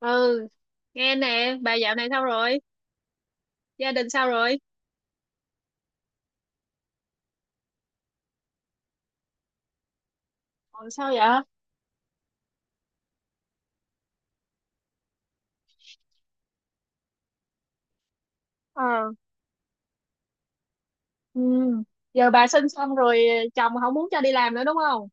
Ừ. Nghe nè, bà dạo này sao rồi? Gia đình sao rồi? Còn sao vậy? Ờ. Ừ. Giờ bà sinh xong rồi, chồng không muốn cho đi làm nữa đúng không?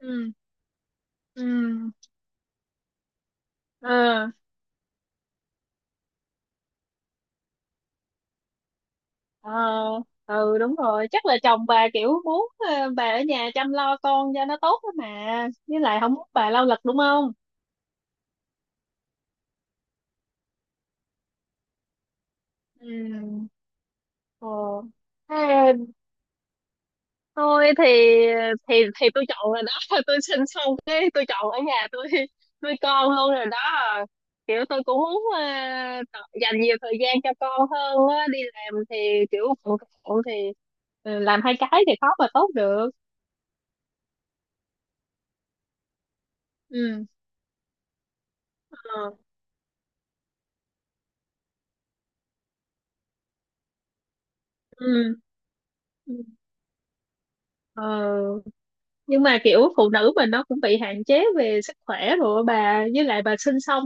Ừ. Ừ. Ờ. Ờ. Ừ, đúng rồi, chắc là chồng bà kiểu muốn bà ở nhà chăm lo con cho nó tốt đó mà. Với lại không muốn bà lao lực đúng không? Ừ. Ờ. Thế tôi thì thì tôi chọn rồi đó. Tôi sinh xong cái tôi chọn ở nhà, tôi nuôi con luôn rồi đó. Kiểu tôi cũng muốn dành nhiều thời gian cho con hơn á. Đi làm thì kiểu bận rộn, thì làm hai cái thì khó mà tốt được. Ừ. Ờ. Ừ. Ừ. Ờ, nhưng mà kiểu phụ nữ mình nó cũng bị hạn chế về sức khỏe rồi á bà. Với lại bà sinh xong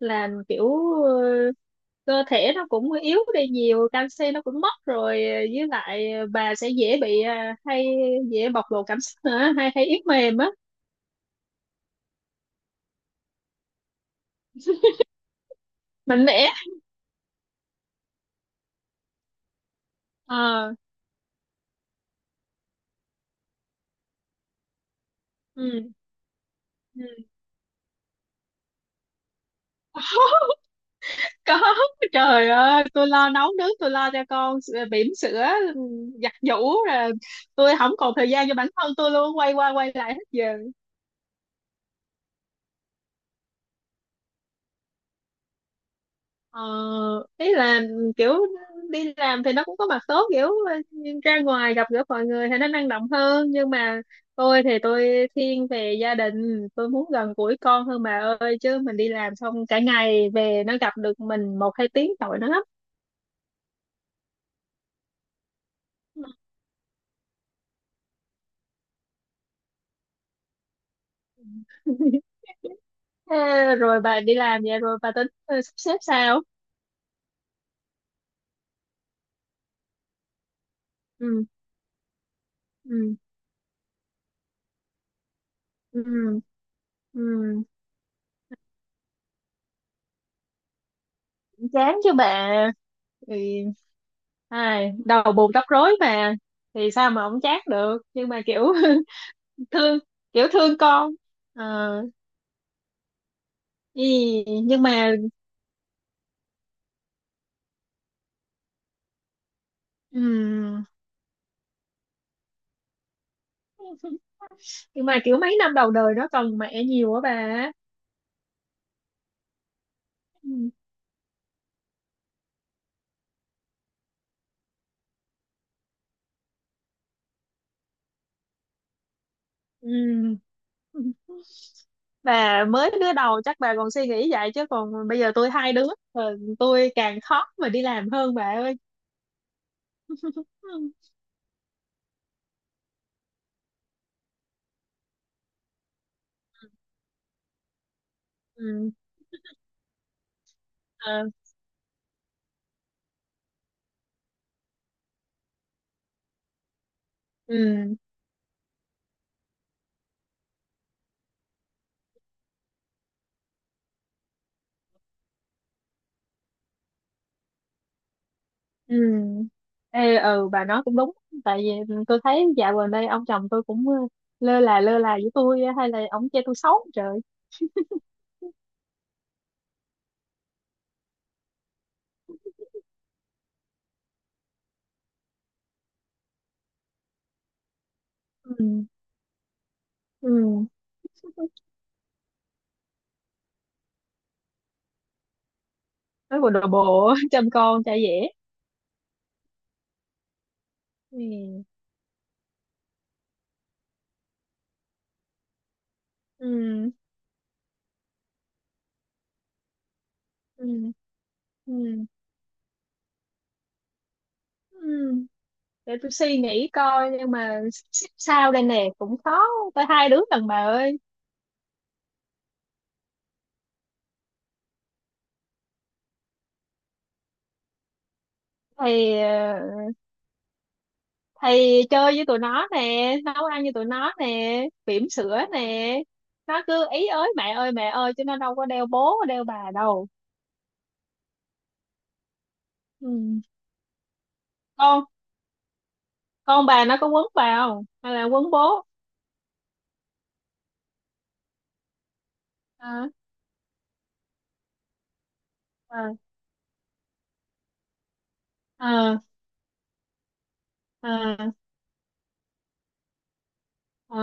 là kiểu cơ thể nó cũng yếu đi nhiều, canxi nó cũng mất rồi, với lại bà sẽ dễ bị hay dễ bộc lộ cảm xúc nữa, hay hay yếu mềm á. Mạnh mẽ. Ờ. Ừ. Ừ. Có, trời ơi, tôi lo nấu nướng, tôi lo cho con, bỉm sữa, giặt giũ, rồi tôi không còn thời gian cho bản thân. Tôi luôn quay qua quay lại hết giờ. Ờ, ý là kiểu đi làm thì nó cũng có mặt tốt, kiểu ra ngoài gặp gỡ mọi người thì nó năng động hơn, nhưng mà tôi thì tôi thiên về gia đình, tôi muốn gần gũi con hơn bà ơi, chứ mình đi làm xong cả ngày về nó gặp được mình một hai tiếng tội nó lắm. Thế rồi bà đi làm vậy rồi bà tính sắp xếp sao? Ừ. Ừ. Ừ. Ừ. Chán chứ bà, thì ai đầu bù tóc rối mà, thì sao mà không chát được, nhưng mà kiểu thương, kiểu thương con. Ờ, nhưng mà ừm, nhưng mà kiểu mấy năm đầu đời nó cần mẹ nhiều á bà. Ừm. Ừm. Bà mới đứa đầu chắc bà còn suy nghĩ vậy, chứ còn bây giờ tôi hai đứa rồi, tôi càng khó mà đi làm hơn bà ơi. Ừm. Ừm. Ờ. Ừm. Ừ. Ê, ừ, bà nói cũng đúng. Tại vì tôi thấy dạo gần đây ông chồng tôi cũng lơ là, lơ là với tôi á, hay là ông chê tôi xấu trời. Ừ. Ừ, nói bộ đồ bộ chăm con chả dễ. Ừ. Ừ. Ừ. Ừ. Ừ. Để tôi suy nghĩ coi, nhưng mà sao đây nè, cũng khó, tới hai đứa lần bà ơi. thì ờ, thì chơi với tụi nó nè, nấu ăn với tụi nó nè, bỉm sữa nè, nó cứ ý ới mẹ ơi chứ nó đâu có đeo bố đeo bà đâu. Ừ. con con bà nó có quấn bà không hay là quấn bố? À. À. À. À. À.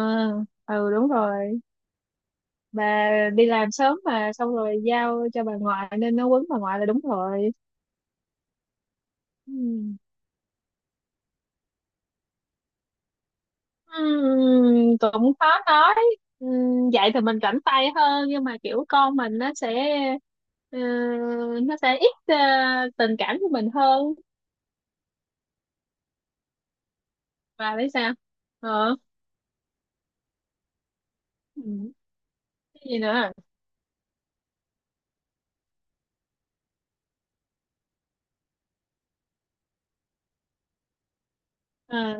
Ừ, đúng rồi, bà đi làm sớm mà, xong rồi giao cho bà ngoại nên nó quấn bà ngoại là đúng rồi. Ừ. Cũng khó nói. Vậy thì mình rảnh tay hơn, nhưng mà kiểu con mình nó sẽ ờ, nó sẽ ít tình cảm của mình hơn. Và biết sao. Ờ. Ừ. Cái gì nữa. Ờ.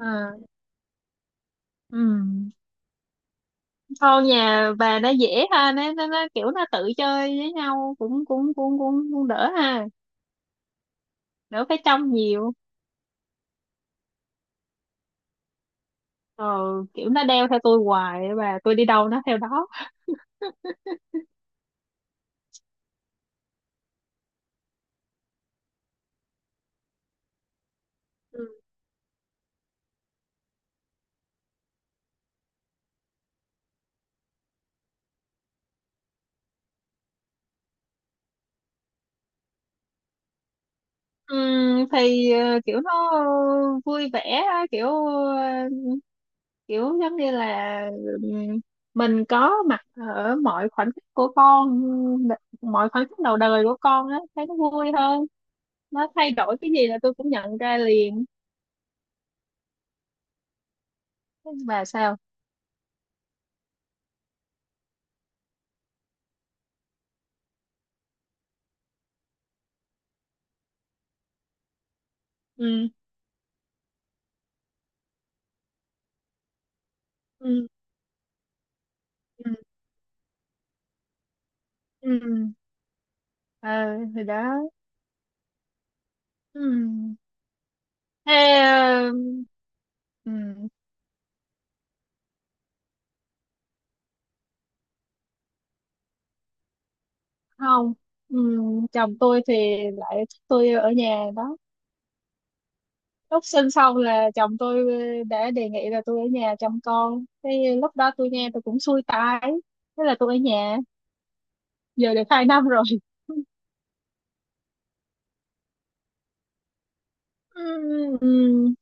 Ờ. Ừm. Thôi nhà bà nó dễ ha, nó kiểu nó tự chơi với nhau, cũng cũng cũng cũng, cũng đỡ ha, đỡ phải trông nhiều. ờ Kiểu nó đeo theo tôi hoài, và tôi đi đâu nó theo đó. Thì kiểu nó vui vẻ á, ờ, kiểu giống như là ừm, mình có mặt ở mọi khoảnh khắc của con, mọi khoảnh khắc đầu đời của con á, thấy nó vui hơn. Nó thay đổi cái gì là tôi cũng nhận ra liền. Và sao. Ừ. Ừ. Ừ. Ừ. Ờ. Thì đó. Ừ. Thế. ờ, ừ. Không. Ừ, chồng tôi thì lại thích tôi ở nhà đó. Lúc sinh xong là chồng tôi đã đề nghị là tôi ở nhà chăm con. Thế lúc đó tôi nghe tôi cũng xui tai, thế là tôi ở nhà, giờ được 2 năm rồi. Ừm. Ừm,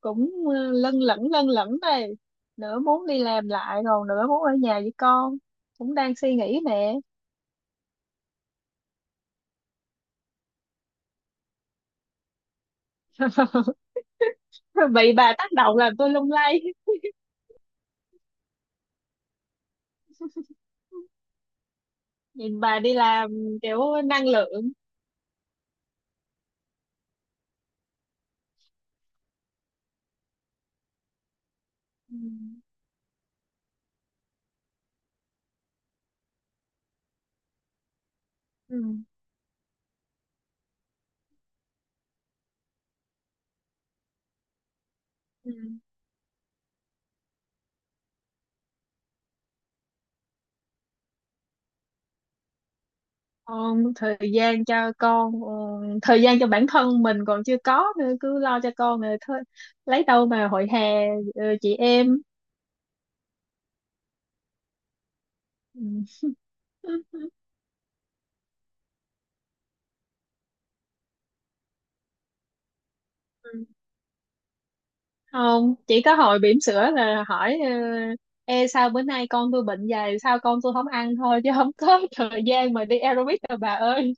cũng lân lẫn đây, nửa muốn đi làm lại còn nửa muốn ở nhà với con, cũng đang suy nghĩ nè. Bị bà tác động làm tôi lung lay. Nhìn bà đi làm kiểu năng lượng. Ừm. Ừm. Ừ. Con thời gian cho con, thời gian cho bản thân mình còn chưa có nữa, cứ lo cho con rồi thôi, lấy đâu mà hội hè, chị em. Ừ. Ừ. Không, chỉ có hồi bỉm sữa là hỏi Ê, sao bữa nay con tôi bệnh, dày sao con tôi không ăn thôi, chứ không có thời gian mà đi aerobic đâu bà ơi.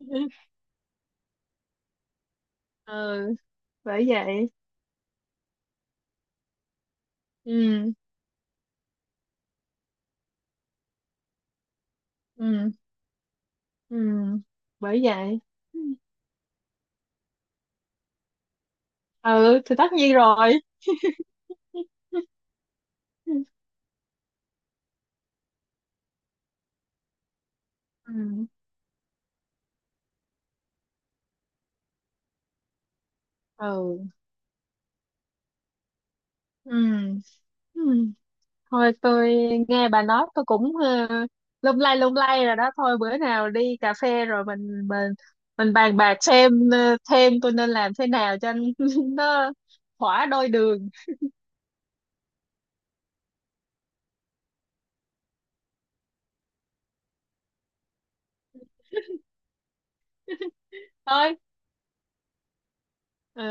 Ừ. Bởi vậy. Ừ. Ừ. Ừ. Bởi vậy. Ừ thì tất nhiên rồi. Ừ. Ừ. Ừ. Ừ. Thôi tôi nghe bà nói tôi cũng lung lay rồi đó. Thôi bữa nào đi cà phê rồi mình bàn bạc xem thêm tôi nên làm thế nào cho nó thỏa đôi đường. Thôi. Ừ.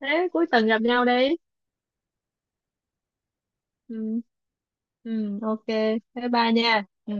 Thế cuối tuần gặp nhau đi. Ừ. Ừ. Ok. Bye bye nha. Ừ.